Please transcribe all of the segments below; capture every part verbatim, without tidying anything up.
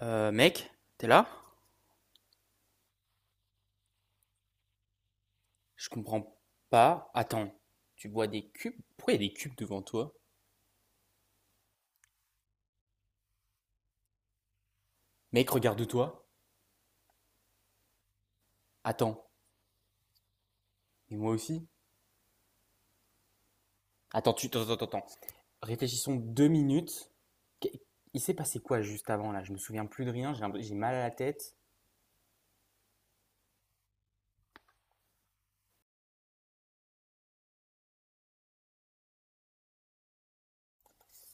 Euh, mec, t'es là? Je comprends pas. Attends, tu vois des cubes? Pourquoi il y a des cubes devant toi? Mec, regarde-toi. Attends, et moi aussi? Attends, tu... Attends, attends, attends. Réfléchissons deux minutes. Qu- Il s'est passé quoi juste avant là? Je me souviens plus de rien, j'ai un- j'ai mal à la tête.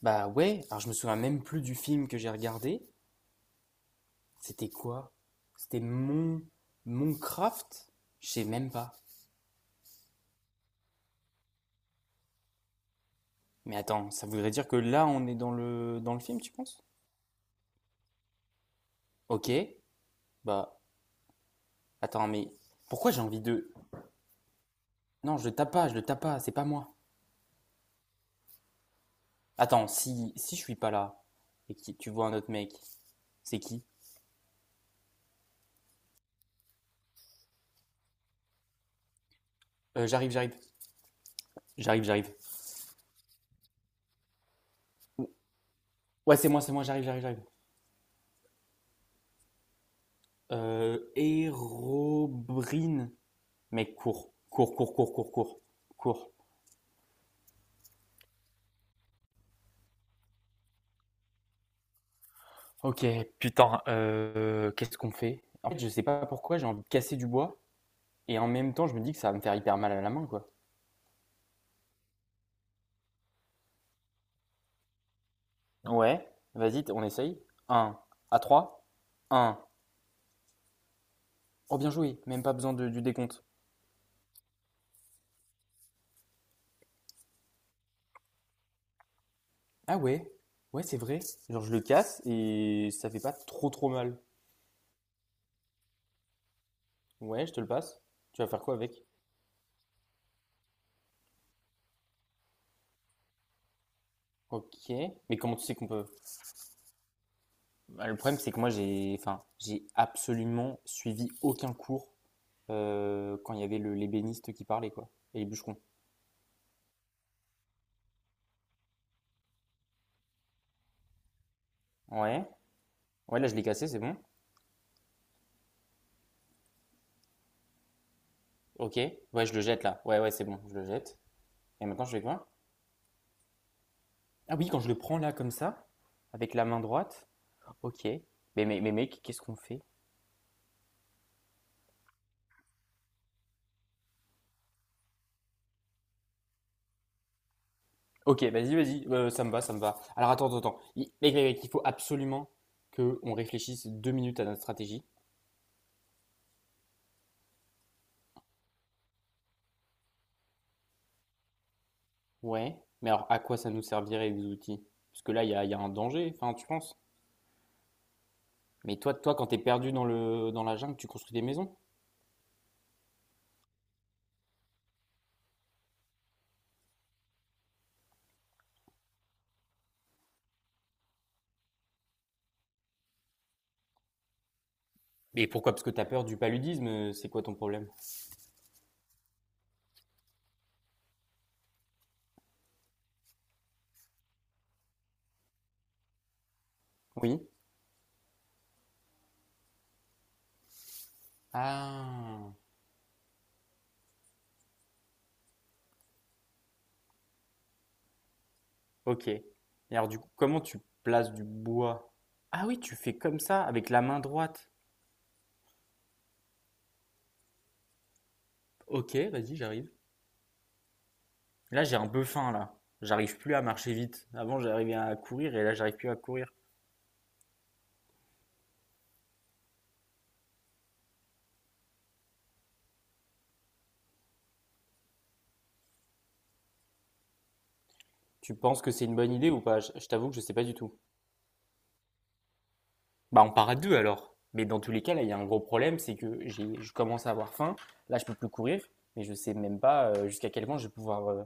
Bah ouais, alors je me souviens même plus du film que j'ai regardé. C'était quoi? C'était Mon... mon craft. Je sais même pas. Mais attends, ça voudrait dire que là on est dans le, dans le film, tu penses? Ok, bah. Attends, mais pourquoi j'ai envie de. Non, je le tape pas, je le tape pas, c'est pas moi. Attends, si, si je suis pas là et que tu vois un autre mec, c'est qui? Euh, j'arrive, j'arrive, j'arrive, j'arrive. Ouais, c'est moi, c'est moi, j'arrive, j'arrive, j'arrive. Euh, Hérobrine. Mec, cours, cours, cours, cours, cours, cours, cours. Ok, putain, euh, qu'est-ce qu'on fait? En fait, je sais pas pourquoi, j'ai envie de casser du bois et en même temps, je me dis que ça va me faire hyper mal à la main, quoi. Ouais, vas-y, t- on essaye. Un à trois un. Oh, bien joué, même pas besoin de- du décompte. Ah ouais, ouais, c'est vrai. Genre, je le casse et ça fait pas trop trop mal. Ouais, je te le passe. Tu vas faire quoi avec? Ok, mais comment tu sais qu'on peut? Bah, le problème, c'est que moi, j'ai, enfin, j'ai absolument suivi aucun cours euh, quand il y avait le- l'ébéniste qui parlait, quoi, et les bûcherons. Ouais, ouais, là, je l'ai cassé, c'est bon. Ok, ouais, je le jette là. Ouais, ouais, c'est bon, je le jette. Et maintenant, je fais quoi? Ah oui, quand je le prends là, comme ça, avec la main droite. Ok, mais, mais, mais mec, qu'est-ce qu'on fait? Ok, vas-y, vas-y, euh, ça me va, ça me va. Alors attends, attends, attends. Il- Mec, mec, mec, il faut absolument que on réfléchisse deux minutes à notre stratégie. Ouais, mais alors à quoi ça nous servirait les outils? Parce que là, il y a, il y a un danger, enfin, tu penses? Mais toi, toi, quand t'es perdu dans le, dans la jungle, tu construis des maisons? Mais pourquoi? Parce que t'as peur du paludisme, euh, c'est quoi ton problème? Oui. Ah, ok. Et alors du coup, comment tu places du bois? Ah oui, tu fais comme ça, avec la main droite. Ok, vas-y, j'arrive. Là, j'ai un peu faim, là. J'arrive plus à marcher vite. Avant, j'arrivais à courir et là, j'arrive plus à courir. Tu penses que c'est une bonne idée ou pas? Je, je t'avoue que je sais pas du tout. Bah, on part à deux alors. Mais dans tous les cas, là, il y a un gros problème, c'est que j'ai, je commence à avoir faim. Là, je peux plus courir, mais je sais même pas euh, jusqu'à quel point je vais pouvoir. euh,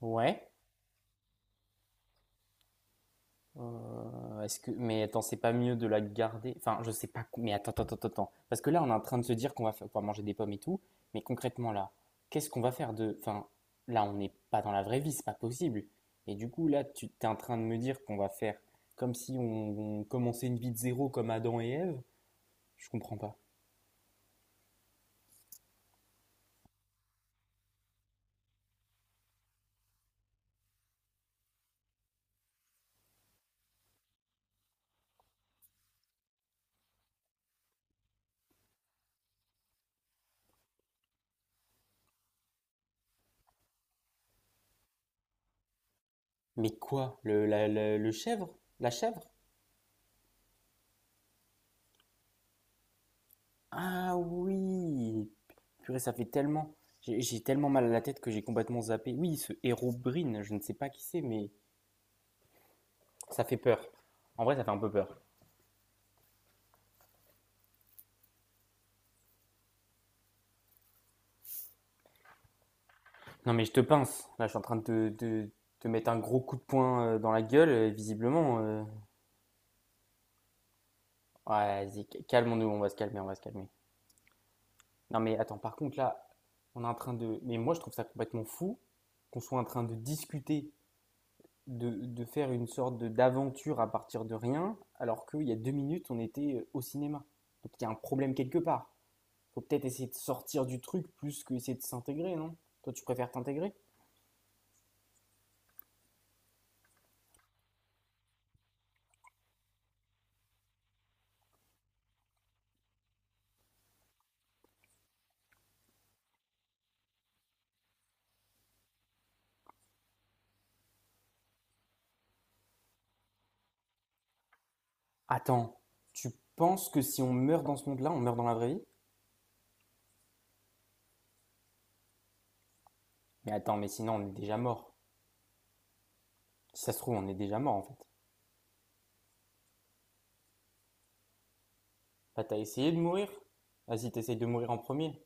Ouais. Euh, Euh, Est-ce que, mais attends, c'est pas mieux de la garder? Enfin, je sais pas. Mais attends, attends, attends, attends. Parce que là, on est en train de se dire qu'on va, fa- qu'on va manger des pommes et tout. Mais concrètement, là, qu'est-ce qu'on va faire de. Enfin, là, on n'est pas dans la vraie vie, c'est pas possible. Et du coup, là, tu t'es en train de me dire qu'on va faire comme si on, on commençait une vie de zéro comme Adam et Ève? Je comprends pas. Mais quoi? Le, la- le, le chèvre? La chèvre? Ah oui! Purée, ça fait tellement. J'ai j'ai tellement mal à la tête que j'ai complètement zappé. Oui, ce héros Brin, je ne sais pas qui c'est, mais. Ça fait peur. En vrai, ça fait un peu peur. Non, mais je te pince. Là, je suis en train de te, de- te mettre un gros coup de poing euh, dans la gueule, euh, visiblement. euh. Ouais, vas-y, calmons-nous, on va se calmer, on va se calmer. Non, mais attends, par contre, là, on est en train de. Mais moi, je trouve ça complètement fou qu'on soit en train de discuter, de, de faire une sorte de- d'aventure à partir de rien, alors qu'il y a deux minutes, on était euh, au cinéma. Donc, il y a un problème quelque part. Faut peut-être essayer de sortir du truc plus que essayer de s'intégrer, non? Toi, tu préfères t'intégrer? Attends, tu penses que si on meurt dans ce monde-là, on meurt dans la vraie vie? Mais attends, mais sinon on est déjà mort. Si ça se trouve, on est déjà mort en fait. Bah t'as essayé de mourir? Vas-y, t'essayes de mourir en premier.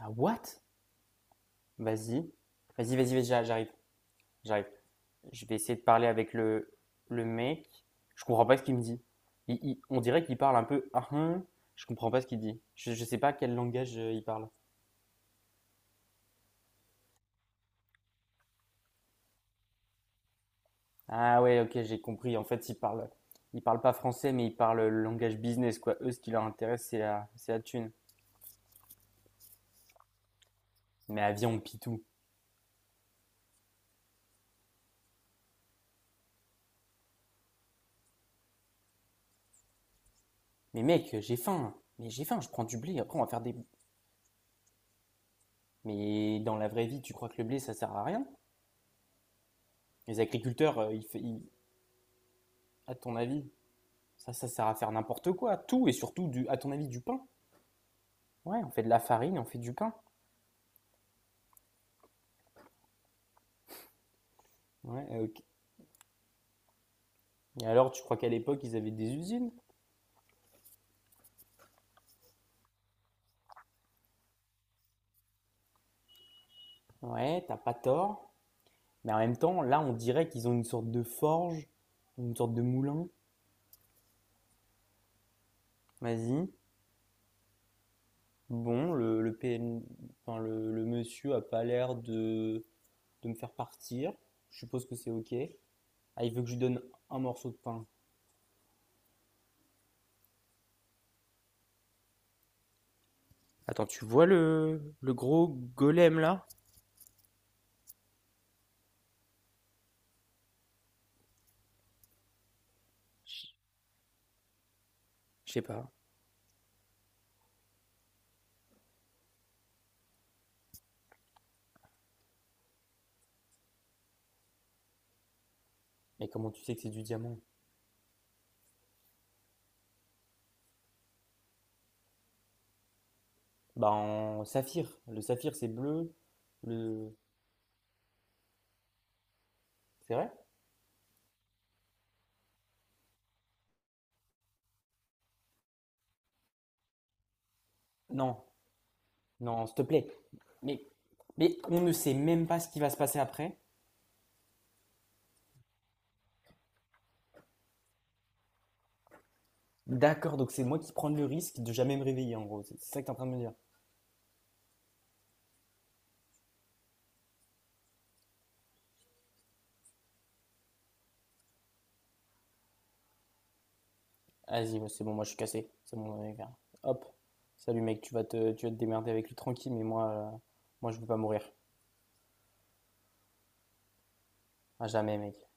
Ah what? Vas-y. Vas-y, vas-y, vas-y, j'a- j'arrive, j'arrive. Je vais essayer de parler avec le, le mec. Je comprends pas ce qu'il me dit. Il- il- on dirait qu'il parle un peu. Ah, hum. Je comprends pas ce qu'il dit. Je, je sais pas quel langage euh, il parle. Ah ouais, ok, j'ai compris. En fait, ils parlent, ils parlent pas français, mais ils parlent le langage business, quoi. Eux, ce qui leur intéresse, c'est la, c'est la thune. Mais à viande pitou. Mais mec, j'ai faim. Mais j'ai faim, je prends du blé, après on va faire des. Mais dans la vraie vie, tu crois que le blé, ça sert à rien? Les agriculteurs, euh, ils, fa- ils- à ton avis, ça, ça sert à faire n'importe quoi, tout, et surtout, du, à ton avis, du pain. Ouais, on fait de la farine, et on fait du pain. Ouais, euh, ok. Et alors, tu crois qu'à l'époque, ils avaient des usines? Ouais, t'as pas tort. Mais en même temps, là, on dirait qu'ils ont une sorte de forge, une sorte de moulin. Vas-y. Bon, le, le, P N... enfin, le, le monsieur a pas l'air de, de me faire partir. Je suppose que c'est OK. Ah, il veut que je lui donne un morceau de pain. Attends, tu vois le, le gros golem là? Je sais pas. Mais comment tu sais que c'est du diamant? Bah, en saphir. Le saphir, c'est bleu. Le... C'est vrai? Non, non, s'il te plaît. Mais, mais on ne sait même pas ce qui va se passer après. D'accord, donc c'est moi qui prends le risque de jamais me réveiller en gros. C'est c'est ça que t'es en train de me dire. Vas-y, ouais, c'est bon, moi je suis cassé. C'est bon, on est vers- Hop. Salut mec, tu vas te, tu vas te démerder avec lui tranquille, mais moi, euh, moi je veux pas mourir. À jamais, mec.